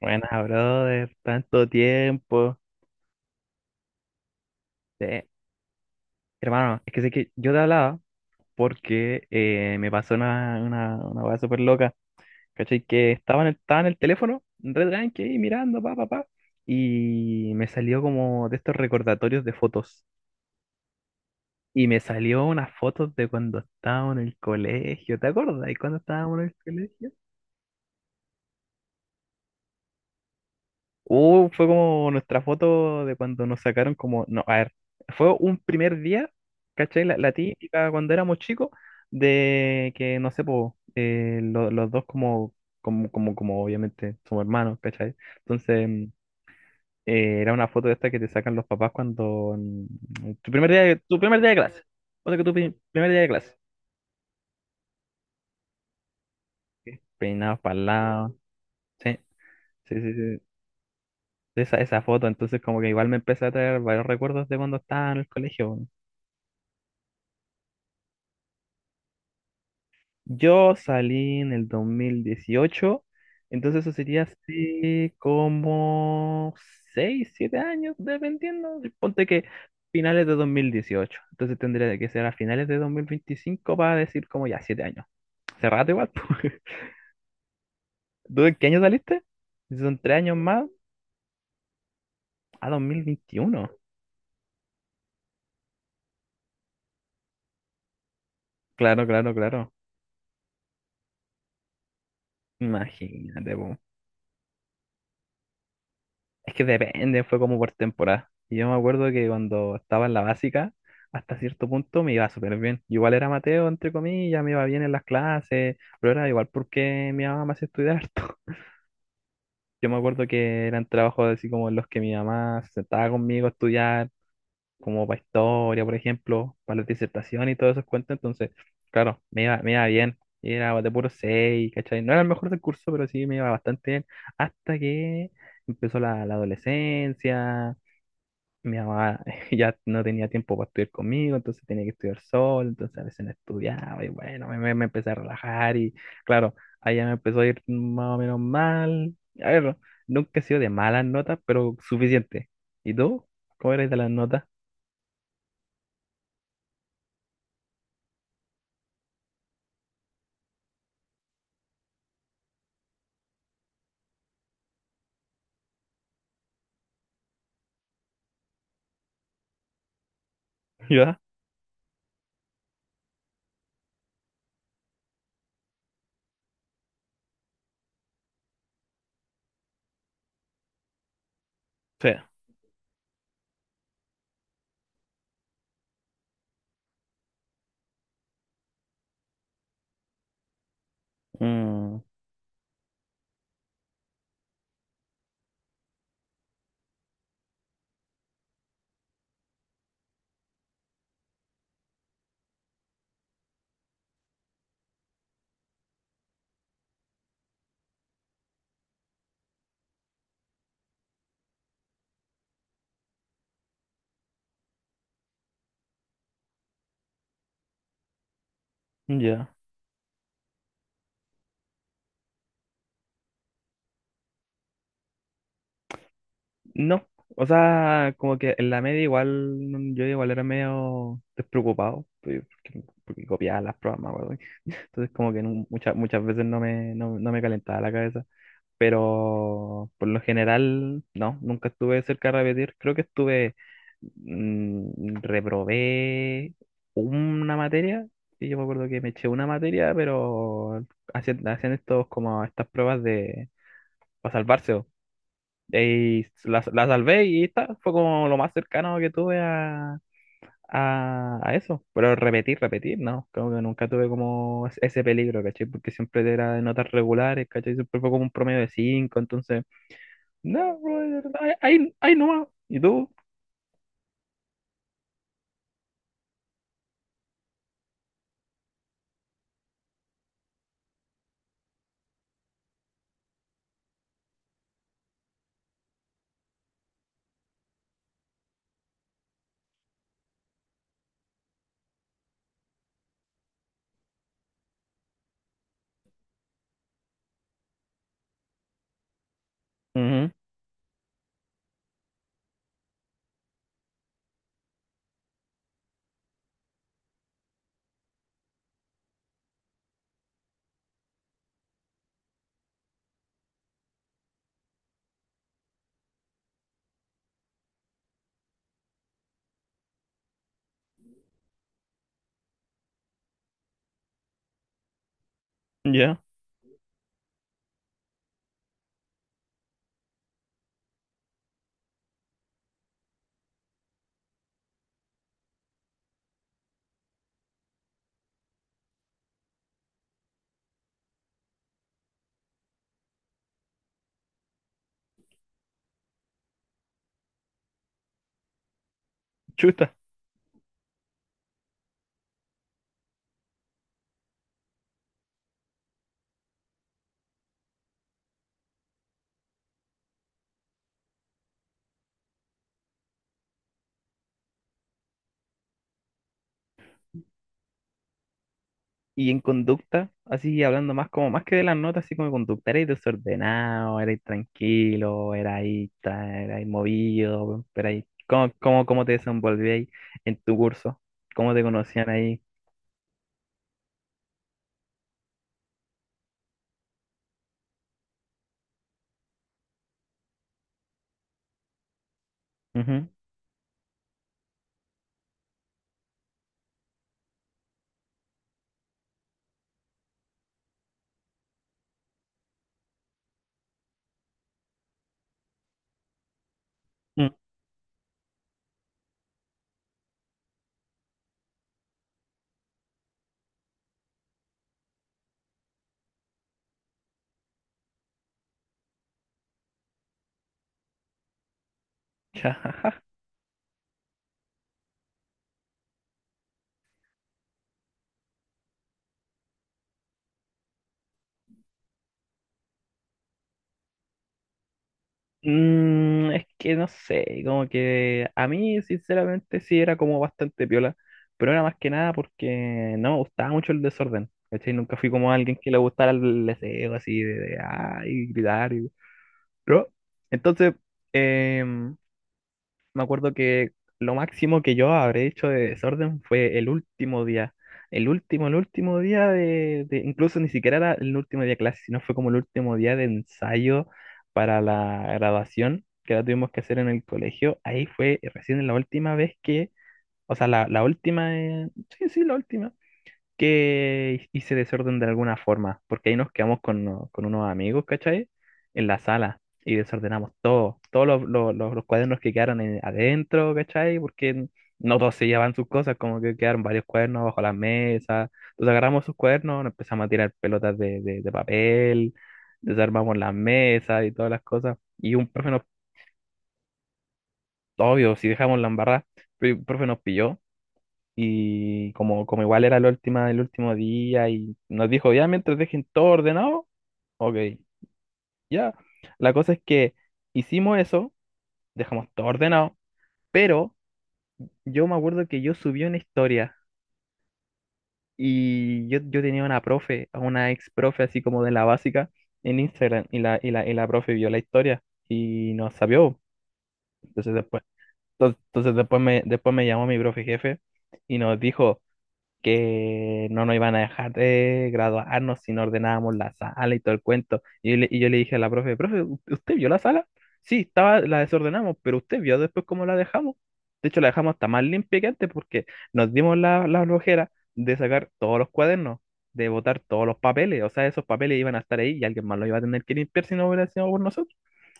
Buenas, brother, tanto tiempo. Eh, Hermano, es que sé que yo te hablaba porque me pasó una weá súper loca, ¿cachai? Que estaba en el teléfono, re tranqui, ahí mirando, pa, pa, pa, y me salió como de estos recordatorios de fotos. Y me salió unas fotos de cuando estábamos en el colegio, ¿te acuerdas? ¿Y cuando estábamos en el colegio? Fue como nuestra foto de cuando nos sacaron como, no, a ver, fue un primer día, ¿cachai? La típica cuando éramos chicos, de que, no sé, po, los dos como, obviamente somos hermanos, ¿cachai? Entonces, era una foto de esta que te sacan los papás cuando tu primer día de clase, o sea que tu primer día de clase, peinados para el lado, sí, sí, sí, sí. Esa foto, entonces como que igual me empezó a traer varios recuerdos de cuando estaba en el colegio. Yo salí en el 2018, entonces eso sería así como 6 7 años, dependiendo. Ponte que finales de 2018, entonces tendría que ser a finales de 2025 para decir como ya 7 años. Hace rato igual. po. ¿Tú en qué año saliste? Si son 3 años más, a 2021. Claro, claro, claro. Imagínate, po. Es que depende, fue como por temporada. Y yo me acuerdo que cuando estaba en la básica, hasta cierto punto me iba súper bien. Igual era Mateo, entre comillas, me iba bien en las clases, pero era igual porque mi mamá me hacía estudiar harto. Yo me acuerdo que eran trabajos así como en los que mi mamá se sentaba conmigo a estudiar, como para historia, por ejemplo, para la disertación y todos esos cuentos. Entonces, claro, me iba bien. Y era de puro seis, ¿cachai? No era el mejor del curso, pero sí me iba bastante bien. Hasta que empezó la adolescencia, mi mamá ya no tenía tiempo para estudiar conmigo, entonces tenía que estudiar sola, entonces a veces no estudiaba y bueno, me empecé a relajar y claro, allá me empezó a ir más o menos mal. A ver, nunca he sido de malas notas, pero suficiente. ¿Y tú? ¿Cómo eres de las notas? Ya, sí. Mm, ya. No, o sea, como que en la media igual, yo igual era medio despreocupado, pues, porque copiaba las pruebas, me acuerdo. Entonces como que muchas veces no me calentaba la cabeza. Pero por lo general, no, nunca estuve cerca de repetir. Creo que estuve, reprobé una materia, y yo me acuerdo que me eché una materia, pero hacían estos como estas pruebas de para salvarse. Po. Y la salvé y está, fue como lo más cercano que tuve a, a eso. Pero repetir, repetir, no, creo que nunca tuve como ese peligro, ¿cachai? Porque siempre era de notas regulares, ¿cachai? Siempre fue como un promedio de cinco, entonces... No, bro, de verdad, ahí, ahí ahí nomás. ¿Y tú? Ujú, ya, chuta. Y en conducta, así hablando más como más que de las notas, así como de conducta, eres desordenado, eres tranquilo, eres ahí, erais movido, pero ahí, ¿cómo te desenvolvías en tu curso? ¿Cómo te conocían ahí? Ujú, mm, ya. Es que no sé, como que a mí sinceramente sí era como bastante piola, pero era más que nada porque no me gustaba mucho el desorden, ¿cachai? Nunca fui como alguien que le gustara el deseo así de, ay, gritar y... ¿no? Entonces, em, me acuerdo que lo máximo que yo habré hecho de desorden fue el último día. El último día. Incluso ni siquiera era el último día de clase, sino fue como el último día de ensayo para la graduación que la tuvimos que hacer en el colegio. Ahí fue recién la última vez que, o sea, la última, sí, sí, la última que hice desorden de alguna forma, porque ahí nos quedamos con unos amigos, ¿cachai? En la sala y desordenamos todo, todos los cuadernos que quedaron adentro, ¿cachai? Porque no todos se llevan sus cosas, como que quedaron varios cuadernos bajo la mesa. Entonces agarramos sus cuadernos, nos empezamos a tirar pelotas de, de papel, desarmamos las mesas y todas las cosas. Y un profe nos, obvio, si dejamos la embarrada, pero un profe nos pilló y como igual era la última, el último día y nos dijo, ya, mientras dejen todo ordenado, ok, ya. La cosa es que hicimos eso, dejamos todo ordenado, pero yo me acuerdo que yo subí una historia y yo tenía una profe, a una ex profe así como de la básica en Instagram y la profe vio la historia y nos sabió. Entonces después, entonces después me llamó mi profe jefe y nos dijo... que no nos iban a dejar de graduarnos si no ordenábamos la sala y todo el cuento. Y yo le dije a la profe, profe, ¿usted vio la sala? Sí, estaba, la desordenamos, pero usted vio después cómo la dejamos. De hecho, la dejamos hasta más limpia que antes porque nos dimos la flojera de sacar todos los cuadernos, de botar todos los papeles. O sea, esos papeles iban a estar ahí y alguien más los iba a tener que limpiar si no hubiera sido por nosotros.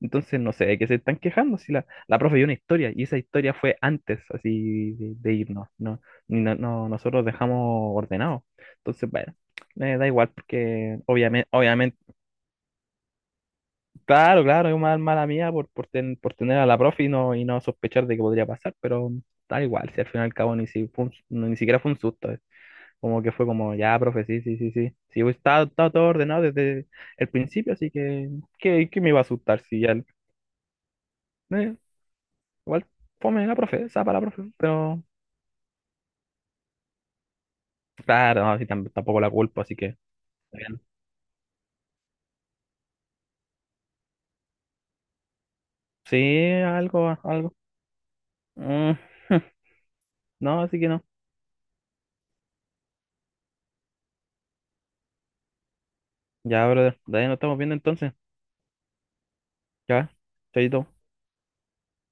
Entonces no sé de qué se están quejando si la profe dio una historia y esa historia fue antes así de irnos, ¿no? Ni nosotros dejamos ordenado. Entonces, bueno, me da igual porque obviamente, obviamente, claro, claro, es una mala mía por, por tener a la profe y no sospechar de que podría pasar, pero da igual, si al fin y al cabo ni siquiera fue un susto. Como que fue como, ya, profe, sí, sí, sí, sí, sí, estaba todo ordenado desde el principio, así que, ¿qué me iba a asustar si ya... Igual fome la profe, para la profe, pero claro, así tampoco la culpo, así que está bien. Sí, algo, algo. Mm, no, así que no. Ya, brother, de ahí nos estamos viendo entonces. Ya, chaito.